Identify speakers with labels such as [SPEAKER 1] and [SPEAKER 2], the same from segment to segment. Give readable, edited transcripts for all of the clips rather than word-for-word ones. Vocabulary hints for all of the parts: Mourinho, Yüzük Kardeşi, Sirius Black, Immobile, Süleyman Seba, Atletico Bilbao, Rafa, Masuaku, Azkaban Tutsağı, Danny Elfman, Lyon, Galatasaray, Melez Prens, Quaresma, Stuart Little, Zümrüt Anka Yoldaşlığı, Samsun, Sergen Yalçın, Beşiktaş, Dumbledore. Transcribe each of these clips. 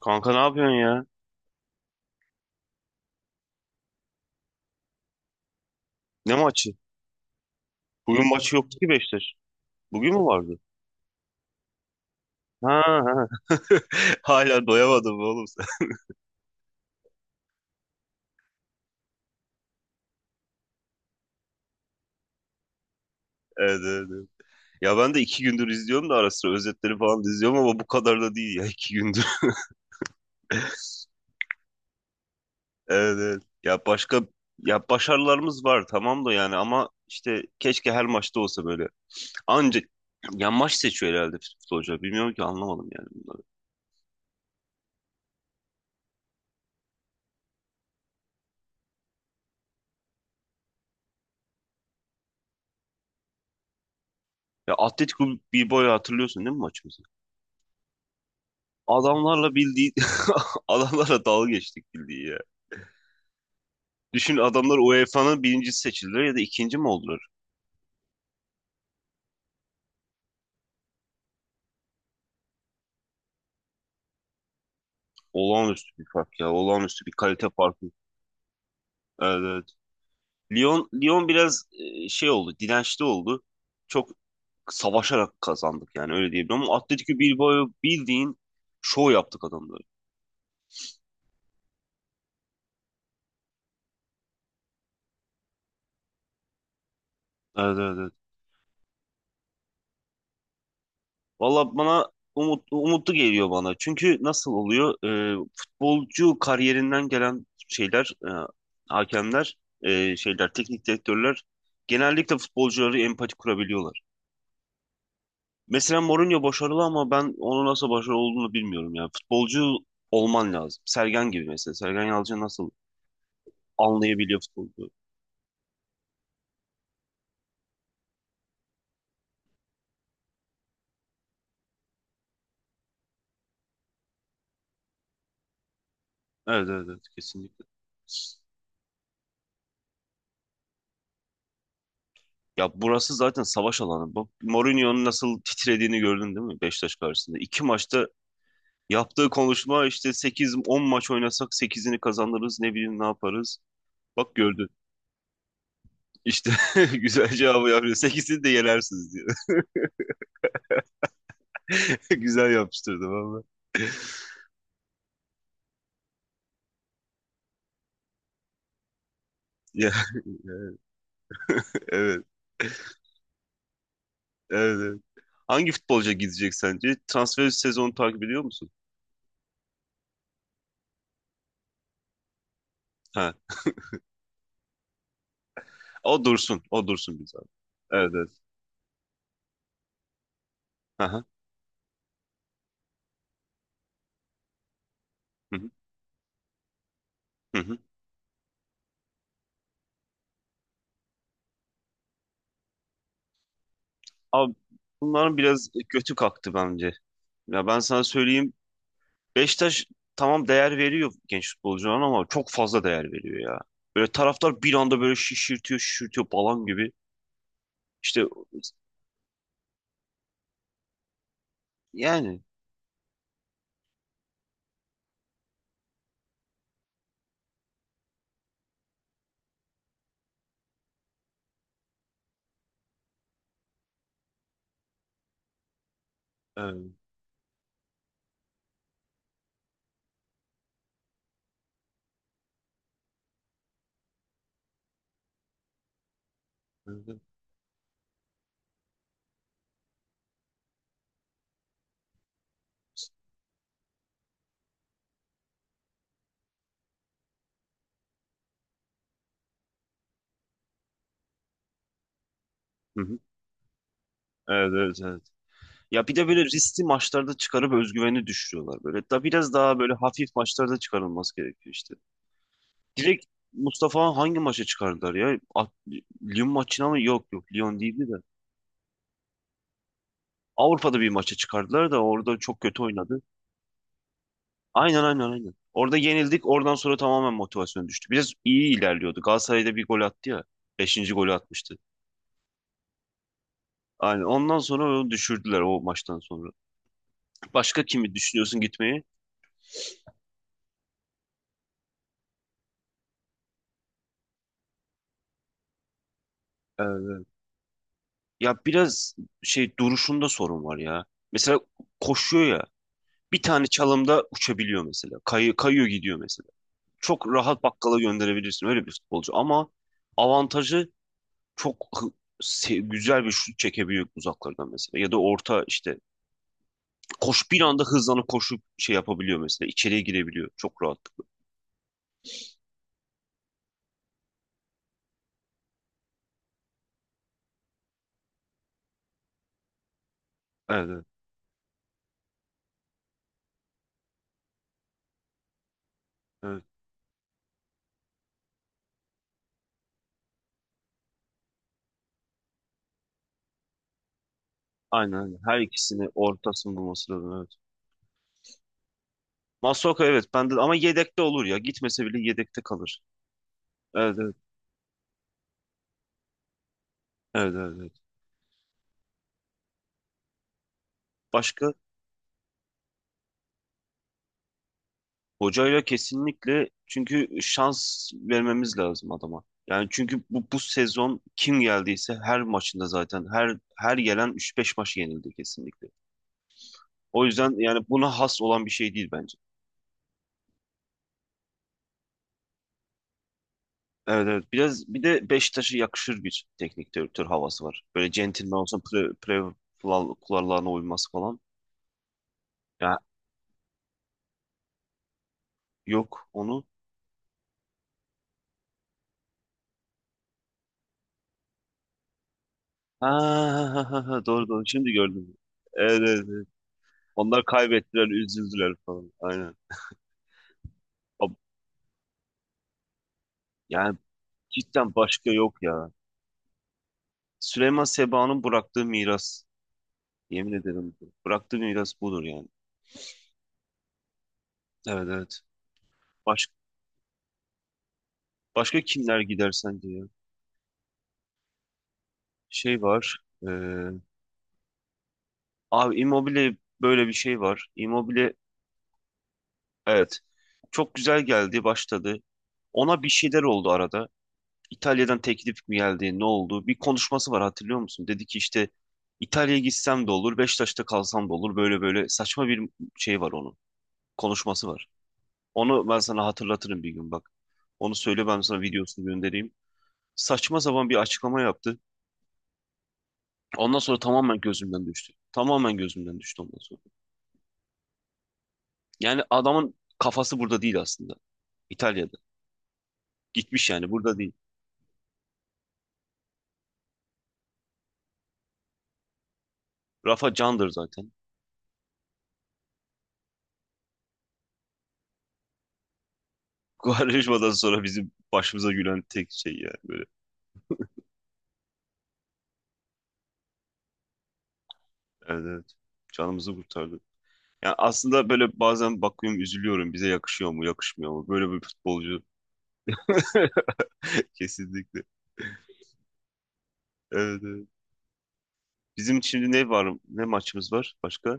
[SPEAKER 1] Kanka ne yapıyorsun ya? Ne maçı? Bugün maçı yoktu ki Beşiktaş. Bugün mü vardı? Ha, ha. Hala doyamadım oğlum sen. Evet, evet, evet. Ya ben de iki gündür izliyorum da ara sıra özetleri falan da izliyorum ama bu kadar da değil ya iki gündür. Evet, evet. Ya başka, ya başarılarımız var tamam da yani ama işte keşke her maçta olsa böyle. Anca, ya maç seçiyor herhalde futbolcular. Bilmiyorum ki, anlamadım yani bunları. Ya Atletico Bilbao'yu hatırlıyorsun değil mi maçımızı? Adamlarla bildiği, adamlarla dalga geçtik bildiği. Düşün, adamlar UEFA'nın birincisi seçildiler ya da ikinci mi oldular? Olağanüstü bir fark ya. Olağanüstü bir kalite farkı. Evet, evet. Lyon, Lyon biraz şey oldu. Dirençli oldu. Çok savaşarak kazandık, yani öyle diyebilirim. Ama Atletico Bilbao'yu bildiğin şov yaptık adamları. Evet, evet, evet. Valla bana umutlu geliyor bana. Çünkü nasıl oluyor? Futbolcu kariyerinden gelen şeyler, hakemler, şeyler, teknik direktörler genellikle futbolcuları empati kurabiliyorlar. Mesela Mourinho başarılı ama ben onun nasıl başarılı olduğunu bilmiyorum ya. Futbolcu olman lazım. Sergen gibi mesela. Sergen Yalçın nasıl anlayabiliyor futbolu? Evet, evet, evet, kesinlikle. Ya burası zaten savaş alanı. Bu Mourinho'nun nasıl titrediğini gördün değil mi Beşiktaş karşısında? İki maçta yaptığı konuşma, işte sekiz on maç oynasak sekizini kazanırız, ne bileyim, ne yaparız. Bak gördün. İşte güzel cevabı yapıyor. Sekizini de yenersiniz diyor. Güzel yapıştırdı valla. Ya, evet. Evet, evet. Hangi futbolcuya gidecek sence? Transfer sezonu takip ediyor musun? Ha. O dursun. O dursun biz abi. Evet, evet. Aha. Hı hı. Hı hı. Abi, bunların biraz götü kalktı bence. Ya ben sana söyleyeyim. Beşiktaş tamam değer veriyor genç futbolcularına ama çok fazla değer veriyor ya. Böyle taraftar bir anda böyle şişirtiyor, şişirtiyor falan gibi. İşte yani. Evet, evet, evet. Hı hı. Evet, evet, evet. Ya bir de böyle riskli maçlarda çıkarıp özgüveni düşürüyorlar böyle. Da biraz daha böyle hafif maçlarda çıkarılması gerekiyor işte. Direkt Mustafa hangi maça çıkardılar ya? A- Lyon maçına mı? Yok yok, Lyon değildi de. Avrupa'da bir maça çıkardılar da orada çok kötü oynadı. Aynen, aynen, aynen. Orada yenildik. Oradan sonra tamamen motivasyon düştü. Biraz iyi ilerliyordu. Galatasaray'da bir gol attı ya. Beşinci golü atmıştı. Aynen. Ondan sonra onu düşürdüler o maçtan sonra. Başka kimi düşünüyorsun gitmeyi? Evet. Ya biraz şey, duruşunda sorun var ya. Mesela koşuyor ya. Bir tane çalımda uçabiliyor mesela. Kayıyor gidiyor mesela. Çok rahat bakkala gönderebilirsin öyle bir futbolcu ama avantajı çok güzel bir şut çekebiliyor uzaklardan mesela. Ya da orta işte, koş bir anda hızlanıp koşup şey yapabiliyor mesela. İçeriye girebiliyor çok rahatlıkla. Evet, evet, evet. Aynen, aynen. Her ikisini ortasını bulması lazım, evet. Masuaku evet bende ama yedekte olur ya. Gitmese bile yedekte kalır. Evet, evet. Evet, evet, evet. Başka, hocayla kesinlikle çünkü şans vermemiz lazım adama. Yani çünkü bu sezon kim geldiyse her maçında zaten her gelen üç beş maç yenildi kesinlikle. O yüzden yani buna has olan bir şey değil bence. Evet evet, biraz bir de Beşiktaş'a yakışır bir teknik direktör havası var. Böyle centilmen olsun, kurallarına uyması falan. Ya, yok onu. Ha, ha, ha, ha, doğru doğru, şimdi gördüm. Evet, evet, evet. Onlar kaybettiler, üzüldüler falan. Aynen. Yani cidden başka yok ya. Süleyman Seba'nın bıraktığı miras. Yemin ederim. Bıraktığı miras budur yani. Evet, evet. Baş, başka kimler gider sence ya? Şey var. E, abi Immobile böyle bir şey var. Immobile, evet. Çok güzel geldi, başladı. Ona bir şeyler oldu arada. İtalya'dan teklif mi geldi, ne oldu? Bir konuşması var, hatırlıyor musun? Dedi ki işte, İtalya'ya gitsem de olur, Beşiktaş'ta kalsam da olur. Böyle böyle saçma bir şey var onun. Konuşması var. Onu ben sana hatırlatırım bir gün bak. Onu söyle, ben sana videosunu göndereyim. Saçma sapan bir açıklama yaptı. Ondan sonra tamamen gözümden düştü. Tamamen gözümden düştü ondan sonra. Yani adamın kafası burada değil aslında. İtalya'da. Gitmiş yani, burada değil. Rafa candır zaten. Quaresma'dan sonra bizim başımıza gülen tek şey yani böyle. Evet, evet. Canımızı kurtardı. Yani aslında böyle bazen bakıyorum, üzülüyorum. Bize yakışıyor mu, yakışmıyor mu böyle bir futbolcu? Kesinlikle. Evet, evet. Bizim şimdi ne var? Ne maçımız var başka?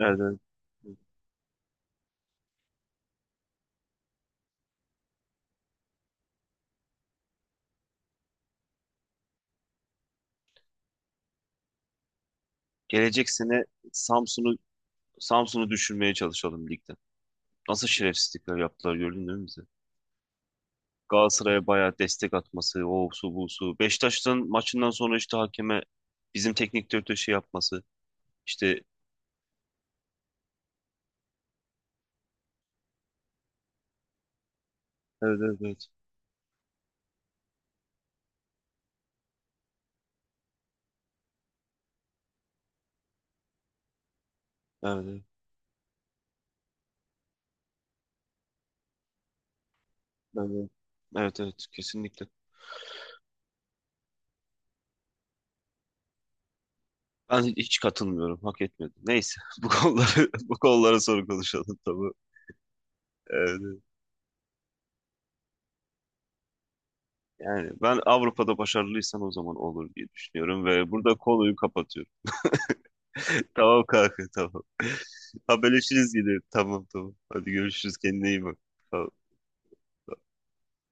[SPEAKER 1] Nereden? Gelecek sene Samsun'u Samsun'u düşürmeye çalışalım ligden. Nasıl şerefsizlikler yaptılar gördün değil mi bize? Galatasaray'a bayağı destek atması, o su bu su. Beşiktaş'ın maçından sonra işte hakeme bizim teknik direktör şey yapması. İşte evet, evet, evet. Evet, evet. Ben de- Evet, evet, kesinlikle. Ben hiç katılmıyorum. Hak etmedi. Neyse, bu konuları, bu konulara sonra konuşalım tabii. Evet, evet. Yani ben Avrupa'da başarılıysam o zaman olur diye düşünüyorum ve burada konuyu kapatıyorum. Tamam kanka, tamam. Haberleşiriz yine. Tamam, tamam. Hadi görüşürüz. Kendine iyi bak. Tamam.